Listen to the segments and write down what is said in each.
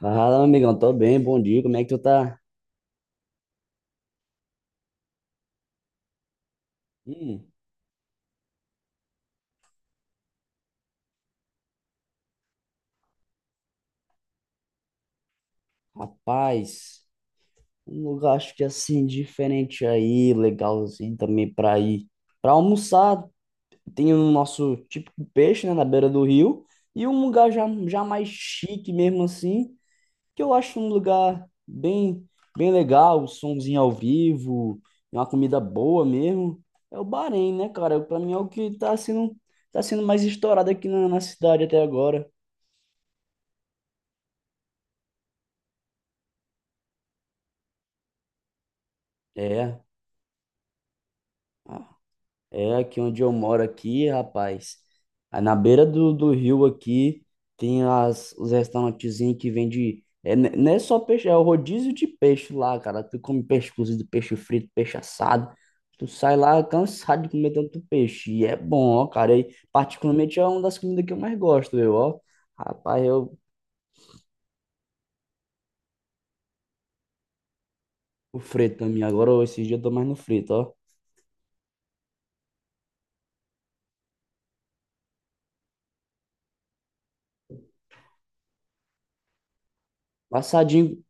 Fala, meu amigão, tô bem, bom dia, como é que tu tá? Hum. Rapaz, um lugar acho que assim, diferente aí, legalzinho também pra ir. Pra almoçar, tem o nosso típico peixe, né, na beira do rio, e um lugar já mais chique mesmo assim, que eu acho um lugar bem, bem legal, somzinho ao vivo, uma comida boa mesmo. É o Bahrein, né, cara? Pra mim é o que tá sendo mais estourado aqui na cidade até agora. É. É aqui onde eu moro aqui, rapaz. Aí na beira do rio aqui tem os restaurantezinhos que vende. É, não é só peixe, é o rodízio de peixe lá, cara. Tu come peixe cozido, peixe frito, peixe assado. Tu sai lá cansado de comer tanto peixe. E é bom, ó, cara. E, particularmente é uma das comidas que eu mais gosto, eu, ó. Rapaz, o frito também. Agora, ó, esses dias eu tô mais no frito, ó. Passadinho.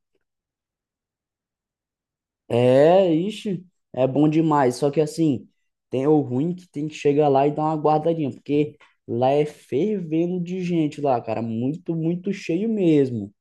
É, ixi, é bom demais. Só que assim, tem o ruim que tem que chegar lá e dar uma guardadinha, porque lá é fervendo de gente lá, cara. Muito, muito cheio mesmo.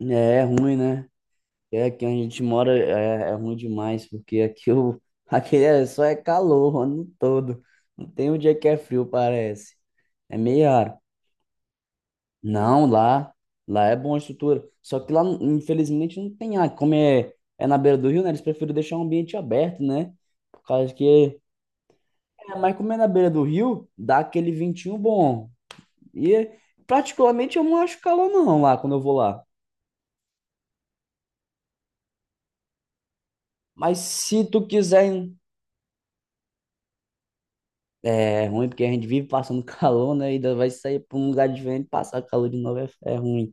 É ruim, né? É, aqui onde a gente mora é ruim demais, porque aqui, aqui é, só é calor o ano todo. Não tem um dia que é frio, parece. É meio raro. Não, lá é bom a estrutura. Só que lá, infelizmente, não tem ar. Como é na beira do rio, né? Eles preferem deixar o ambiente aberto, né? Por causa que. É, mas como é na beira do rio, dá aquele ventinho bom. E, particularmente, eu não acho calor, não, lá, quando eu vou lá. Mas se tu quiser. É ruim, porque a gente vive passando calor, né? E ainda vai sair para um lugar diferente, passar calor de novo é ruim.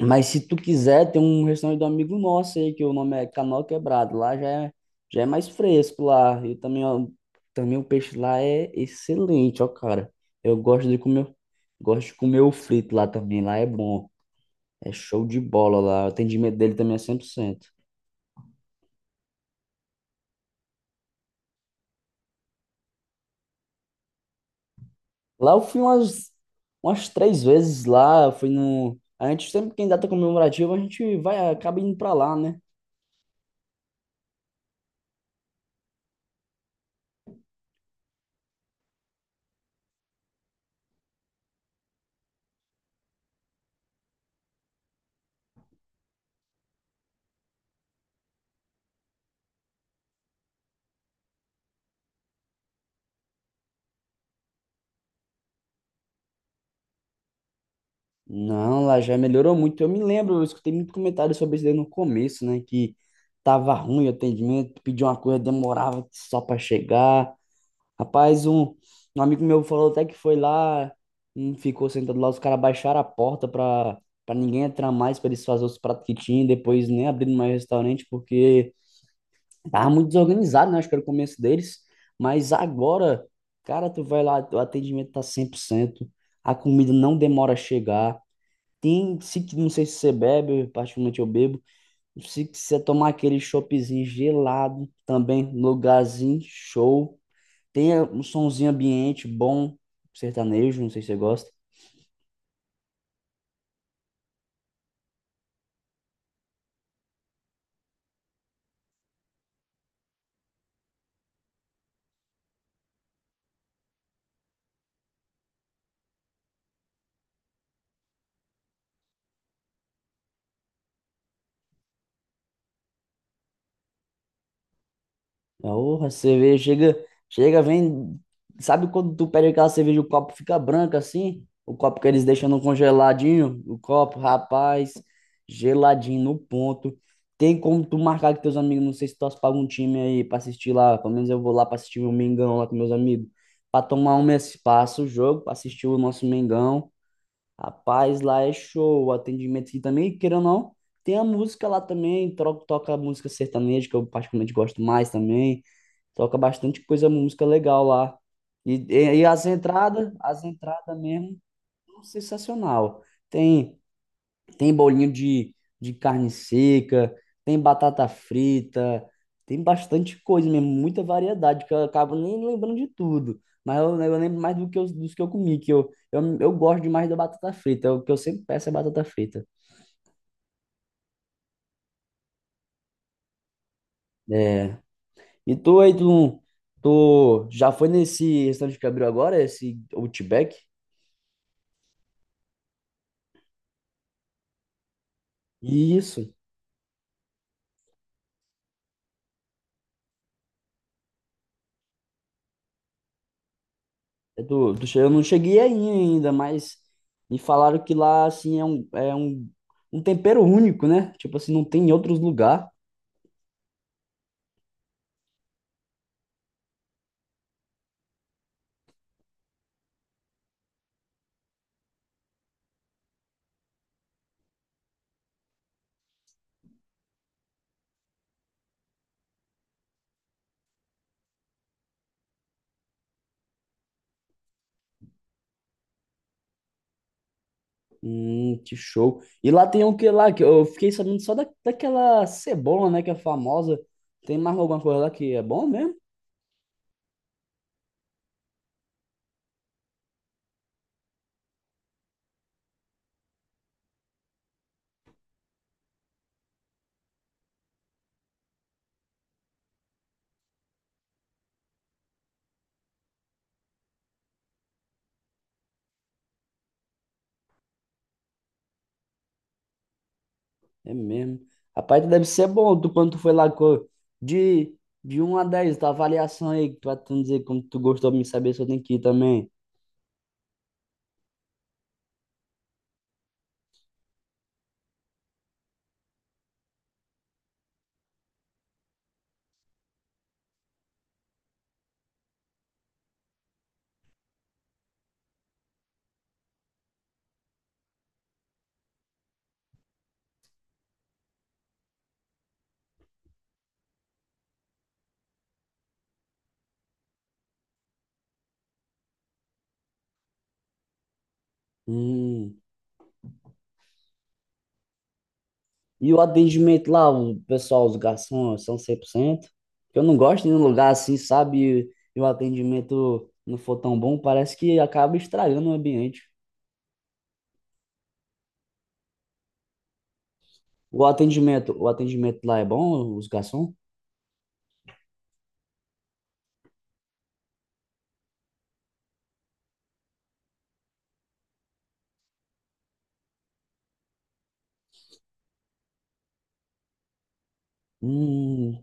Mas se tu quiser, tem um restaurante do amigo nosso aí, que o nome é Canoa Quebrado. Lá já é mais fresco lá. E também, ó, também o peixe lá é excelente, ó, cara. Eu gosto de comer o frito lá também. Lá é bom. É show de bola lá. O atendimento dele também é 100%. Lá eu fui umas 3 vezes lá. Eu fui no... A gente sempre quem data comemorativa, a gente vai, acaba indo pra lá, né? Não, lá já melhorou muito. Eu me lembro, eu escutei muito comentário sobre isso daí no começo, né? Que tava ruim o atendimento, pedia uma coisa, demorava só para chegar. Rapaz, um amigo meu falou até que foi lá, ficou sentado lá, os caras baixaram a porta pra ninguém entrar mais, pra eles fazerem os pratos que tinham, depois nem abrindo mais restaurante, porque tava muito desorganizado, né? Acho que era o começo deles. Mas agora, cara, tu vai lá, o atendimento tá 100%. A comida não demora a chegar. Tem, se, não sei se você bebe, eu, particularmente eu bebo. Se você tomar aquele choppzinho gelado também, lugarzinho show. Tem um somzinho ambiente bom, sertanejo, não sei se você gosta. Porra, a cerveja chega, chega, vem. Sabe quando tu pede aquela cerveja, e o copo fica branco assim? O copo que eles deixam no congeladinho, o copo, rapaz, geladinho no ponto. Tem como tu marcar com teus amigos, não sei se tu torce pra algum time aí pra assistir lá, pelo menos eu vou lá pra assistir o Mengão lá com meus amigos, pra tomar um espaço, o jogo, pra assistir o nosso Mengão. Rapaz, lá é show, o atendimento aqui também, queira ou não, tem a música lá também, toca música sertaneja, que eu particularmente gosto mais também, toca bastante coisa, música legal lá. E as entradas mesmo, sensacional. Tem tem bolinho de carne seca, tem batata frita, tem bastante coisa mesmo, muita variedade, que eu acabo nem lembrando de tudo. Mas eu lembro mais dos que eu comi, que eu gosto demais da batata frita. O que eu sempre peço é batata frita. É. E tu aí, tu já foi nesse restaurante que abriu agora, esse Outback? Isso. Eu não cheguei aí ainda, mas me falaram que lá, assim, um tempero único, né? Tipo assim, não tem em outros lugares. Que show. E lá tem o que lá? Que eu fiquei sabendo só daquela cebola, né? Que é famosa. Tem mais alguma coisa lá que é bom mesmo? É mesmo. Rapaz, deve ser bom tu, quando tu foi lá. De, de 1 a 10 tua avaliação aí, que tu vai tu dizer como tu gostou de me saber se eu tenho que ir também. Hum. E o atendimento lá, o pessoal, os garçons, são 100%. Eu não gosto de ir num lugar assim, sabe? E o atendimento não for tão bom, parece que acaba estragando o ambiente. O atendimento lá é bom, os garçons? Hum,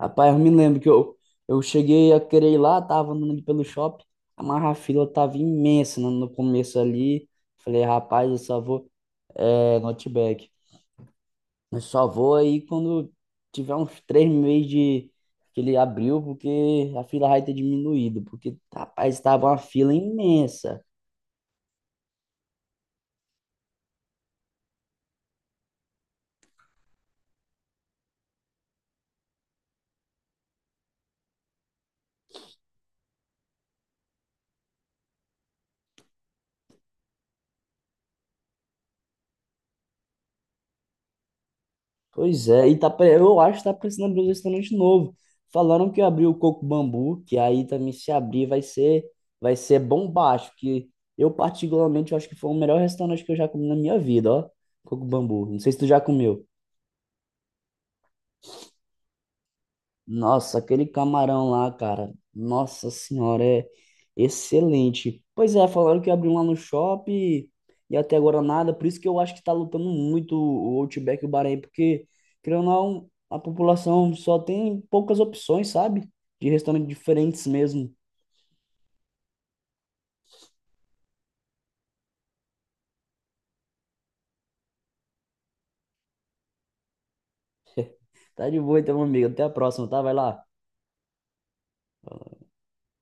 Rapaz, eu me lembro que eu cheguei a querer ir lá, tava andando ali pelo shopping, mas a fila tava imensa no começo ali. Falei, rapaz, eu só vou, é, Outback. Eu só vou aí quando tiver uns 3 meses de que ele abriu, porque a fila vai ter diminuído, porque, rapaz, tava uma fila imensa. Pois é, e tá, eu acho que tá precisando abrir um restaurante novo. Falaram que abriu o Coco Bambu, que aí também se abrir vai ser bombástico, que eu particularmente eu acho que foi o melhor restaurante que eu já comi na minha vida, ó. Coco Bambu. Não sei se tu já comeu. Nossa, aquele camarão lá, cara. Nossa senhora, é excelente. Pois é, falaram que abriu lá no shopping e até agora nada. Por isso que eu acho que tá lutando muito o Outback e o Bahrein, porque, querendo ou não, a população só tem poucas opções, sabe? De restaurantes diferentes mesmo. Tá de boa então, meu amigo. Até a próxima, tá? Vai lá.